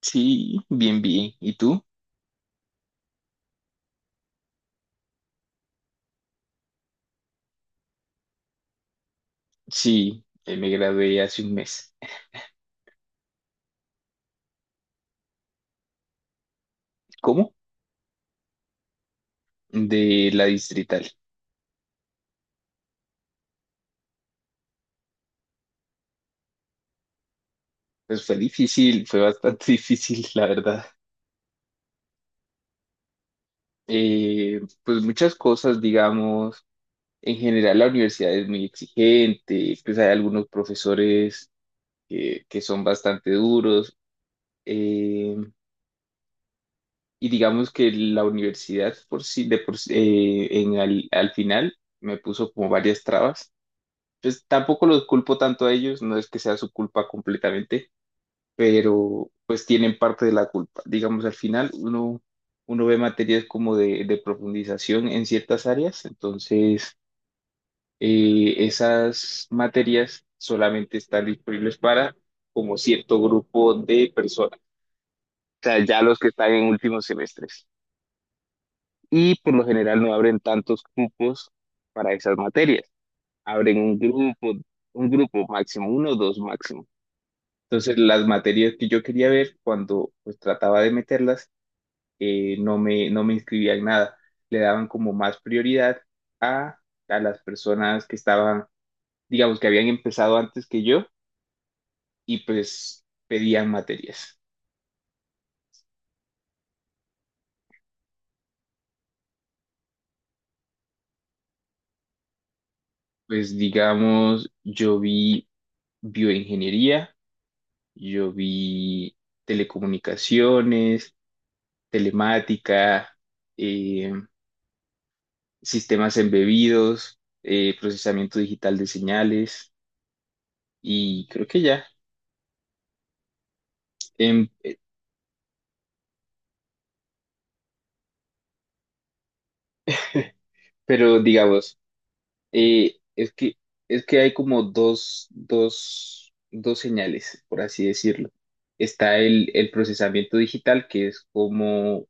Sí, bien, bien. ¿Y tú? Sí, me gradué hace un mes. ¿Cómo? De la distrital. Pues fue difícil, fue bastante difícil, la verdad. Pues muchas cosas, digamos, en general la universidad es muy exigente, pues hay algunos profesores que son bastante duros. eh, y digamos que la universidad de por sí, en al al final me puso como varias trabas, pues tampoco los culpo tanto a ellos, no es que sea su culpa completamente, pero pues tienen parte de la culpa. Digamos, al final uno ve materias como de profundización en ciertas áreas. Entonces, esas materias solamente están disponibles para como cierto grupo de personas, o sea, ya los que están en últimos semestres. Y por lo general no abren tantos grupos para esas materias. Abren un grupo máximo, uno o dos máximo. Entonces, las materias que yo quería ver, cuando pues trataba de meterlas, no me inscribía en nada. Le daban como más prioridad a, a las personas que estaban, digamos, que habían empezado antes que yo y pues pedían materias. Pues digamos, yo vi bioingeniería, yo vi telecomunicaciones, telemática, eh, sistemas embebidos, procesamiento digital de señales, y creo que ya. Em, pero digamos, eh, es que, es que hay como dos señales, por así decirlo. Está el procesamiento digital, que es como,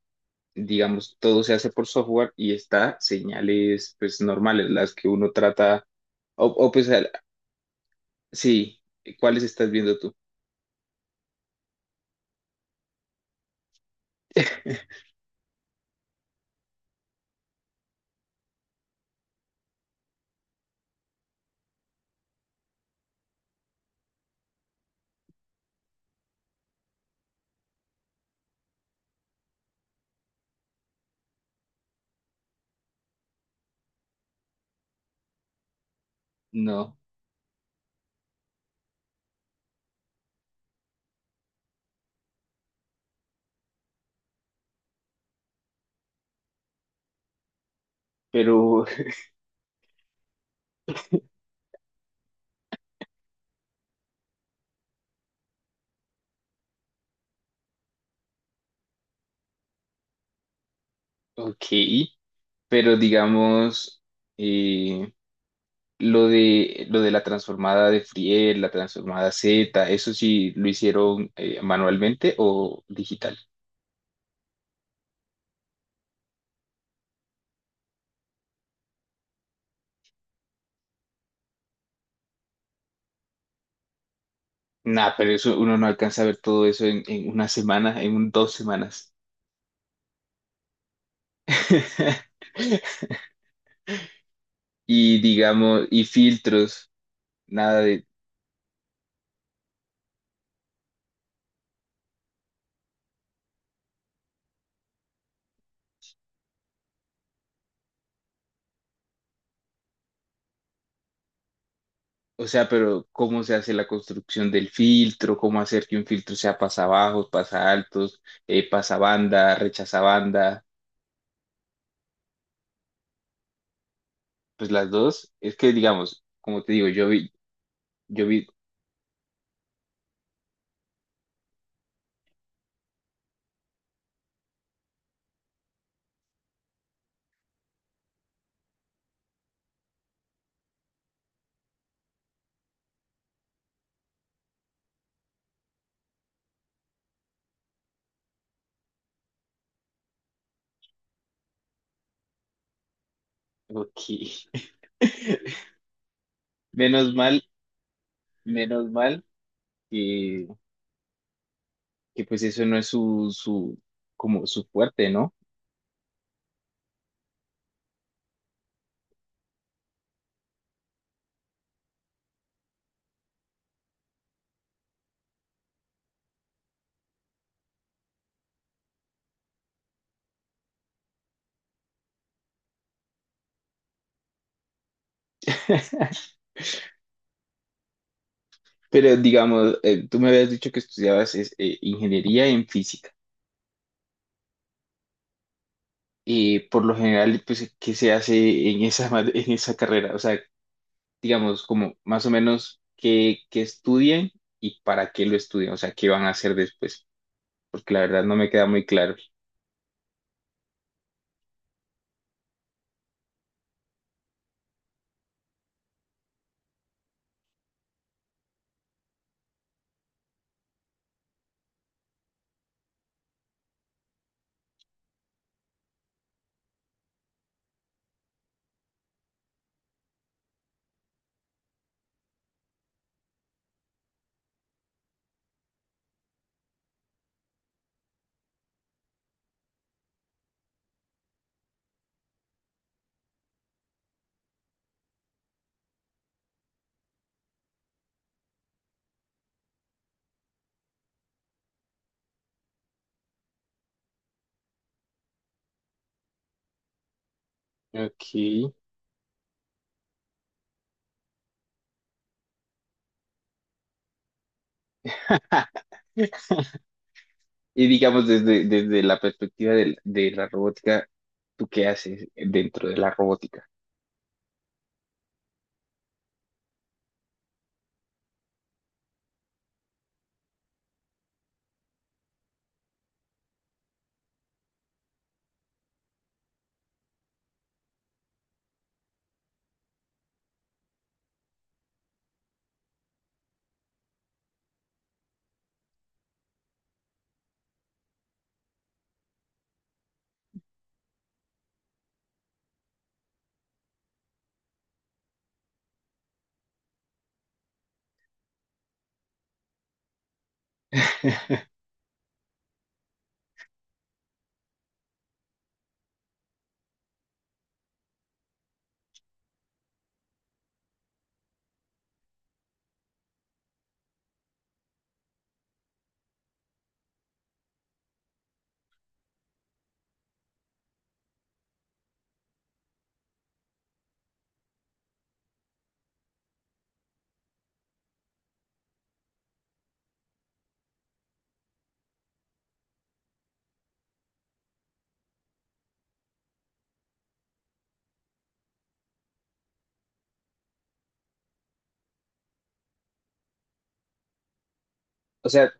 digamos, todo se hace por software. Y está señales, pues, normales, las que uno trata, o pues, sí. ¿Cuáles estás viendo tú? No, pero, ok, pero digamos, eh, lo de, lo de la transformada de Friel, la transformada Z, ¿eso sí lo hicieron manualmente o digital? Nah, pero eso uno no alcanza a ver todo eso en una semana, en 2 semanas. Y digamos, y filtros, nada de, o sea, pero ¿cómo se hace la construcción del filtro? ¿Cómo hacer que un filtro sea pasa bajos, pasabajos, pasaltos, pasa banda, rechaza banda? Pues las dos, es que digamos, como te digo, yo vi, ok. Menos mal, menos mal que, que pues eso no es como su fuerte, ¿no? Pero digamos, tú me habías dicho que estudiabas es, ingeniería en física. Y por lo general, pues, ¿qué se hace en esa, en esa carrera? O sea, digamos, como más o menos qué, qué estudian y para qué lo estudian, o sea, qué van a hacer después, porque la verdad no me queda muy claro. Ok. Y digamos, desde, desde la perspectiva de la robótica, ¿tú qué haces dentro de la robótica? O sea,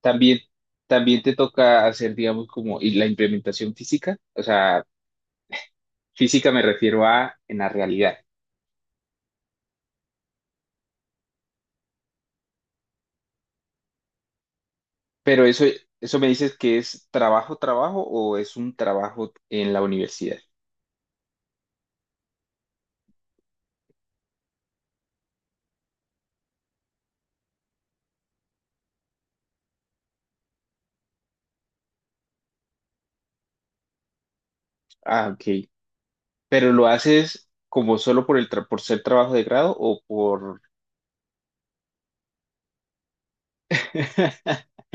también, también te toca hacer, digamos, como y la implementación física. O sea, física me refiero a en la realidad. Pero eso me dices que es trabajo, trabajo, o es un trabajo en la universidad. Ah, ok. Pero lo haces como solo por el por ser trabajo de grado o por...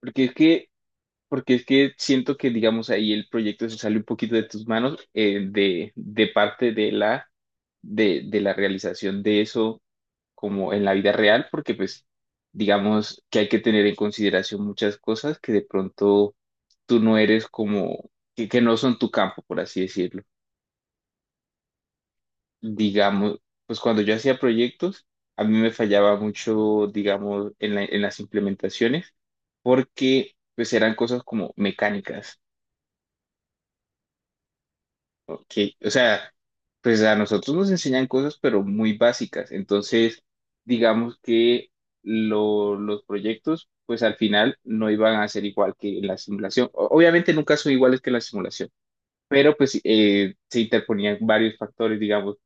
Porque es que Porque es que siento que, digamos, ahí el proyecto se sale un poquito de tus manos, de parte de la realización de eso como en la vida real, porque pues, digamos que hay que tener en consideración muchas cosas que de pronto tú no eres como, que no son tu campo, por así decirlo. Digamos, pues cuando yo hacía proyectos, a mí me fallaba mucho, digamos, en en las implementaciones, porque pues eran cosas como mecánicas. Ok, o sea, pues a nosotros nos enseñan cosas, pero muy básicas. Entonces, digamos que los proyectos, pues al final no iban a ser igual que en la simulación. Obviamente nunca son iguales que en la simulación, pero pues se interponían varios factores, digamos.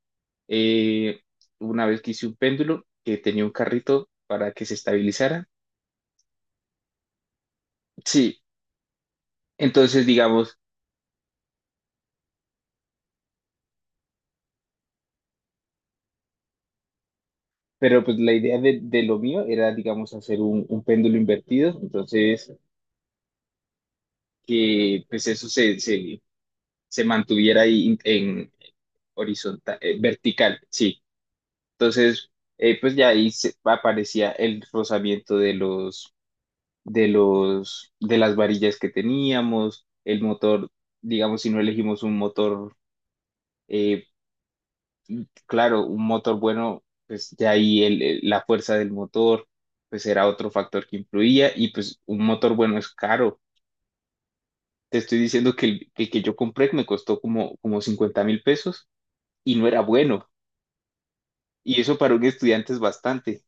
Eh, una vez que hice un péndulo que tenía un carrito para que se estabilizara. Sí, entonces digamos, pero pues la idea de lo mío era, digamos, hacer un péndulo invertido. Entonces que pues eso se mantuviera ahí en horizontal, vertical, sí. Entonces, pues ya ahí aparecía el rozamiento de las varillas que teníamos, el motor, digamos, si no elegimos un motor, eh, claro, un motor bueno, pues ya ahí la fuerza del motor, pues era otro factor que influía, y pues un motor bueno es caro. Te estoy diciendo que el que yo compré me costó como, como 50.000 pesos, y no era bueno. Y eso para un estudiante es bastante.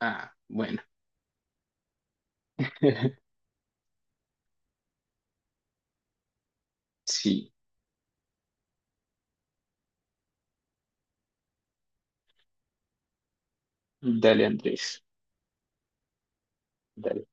Ah, bueno. Sí, dale Andrés. Dale.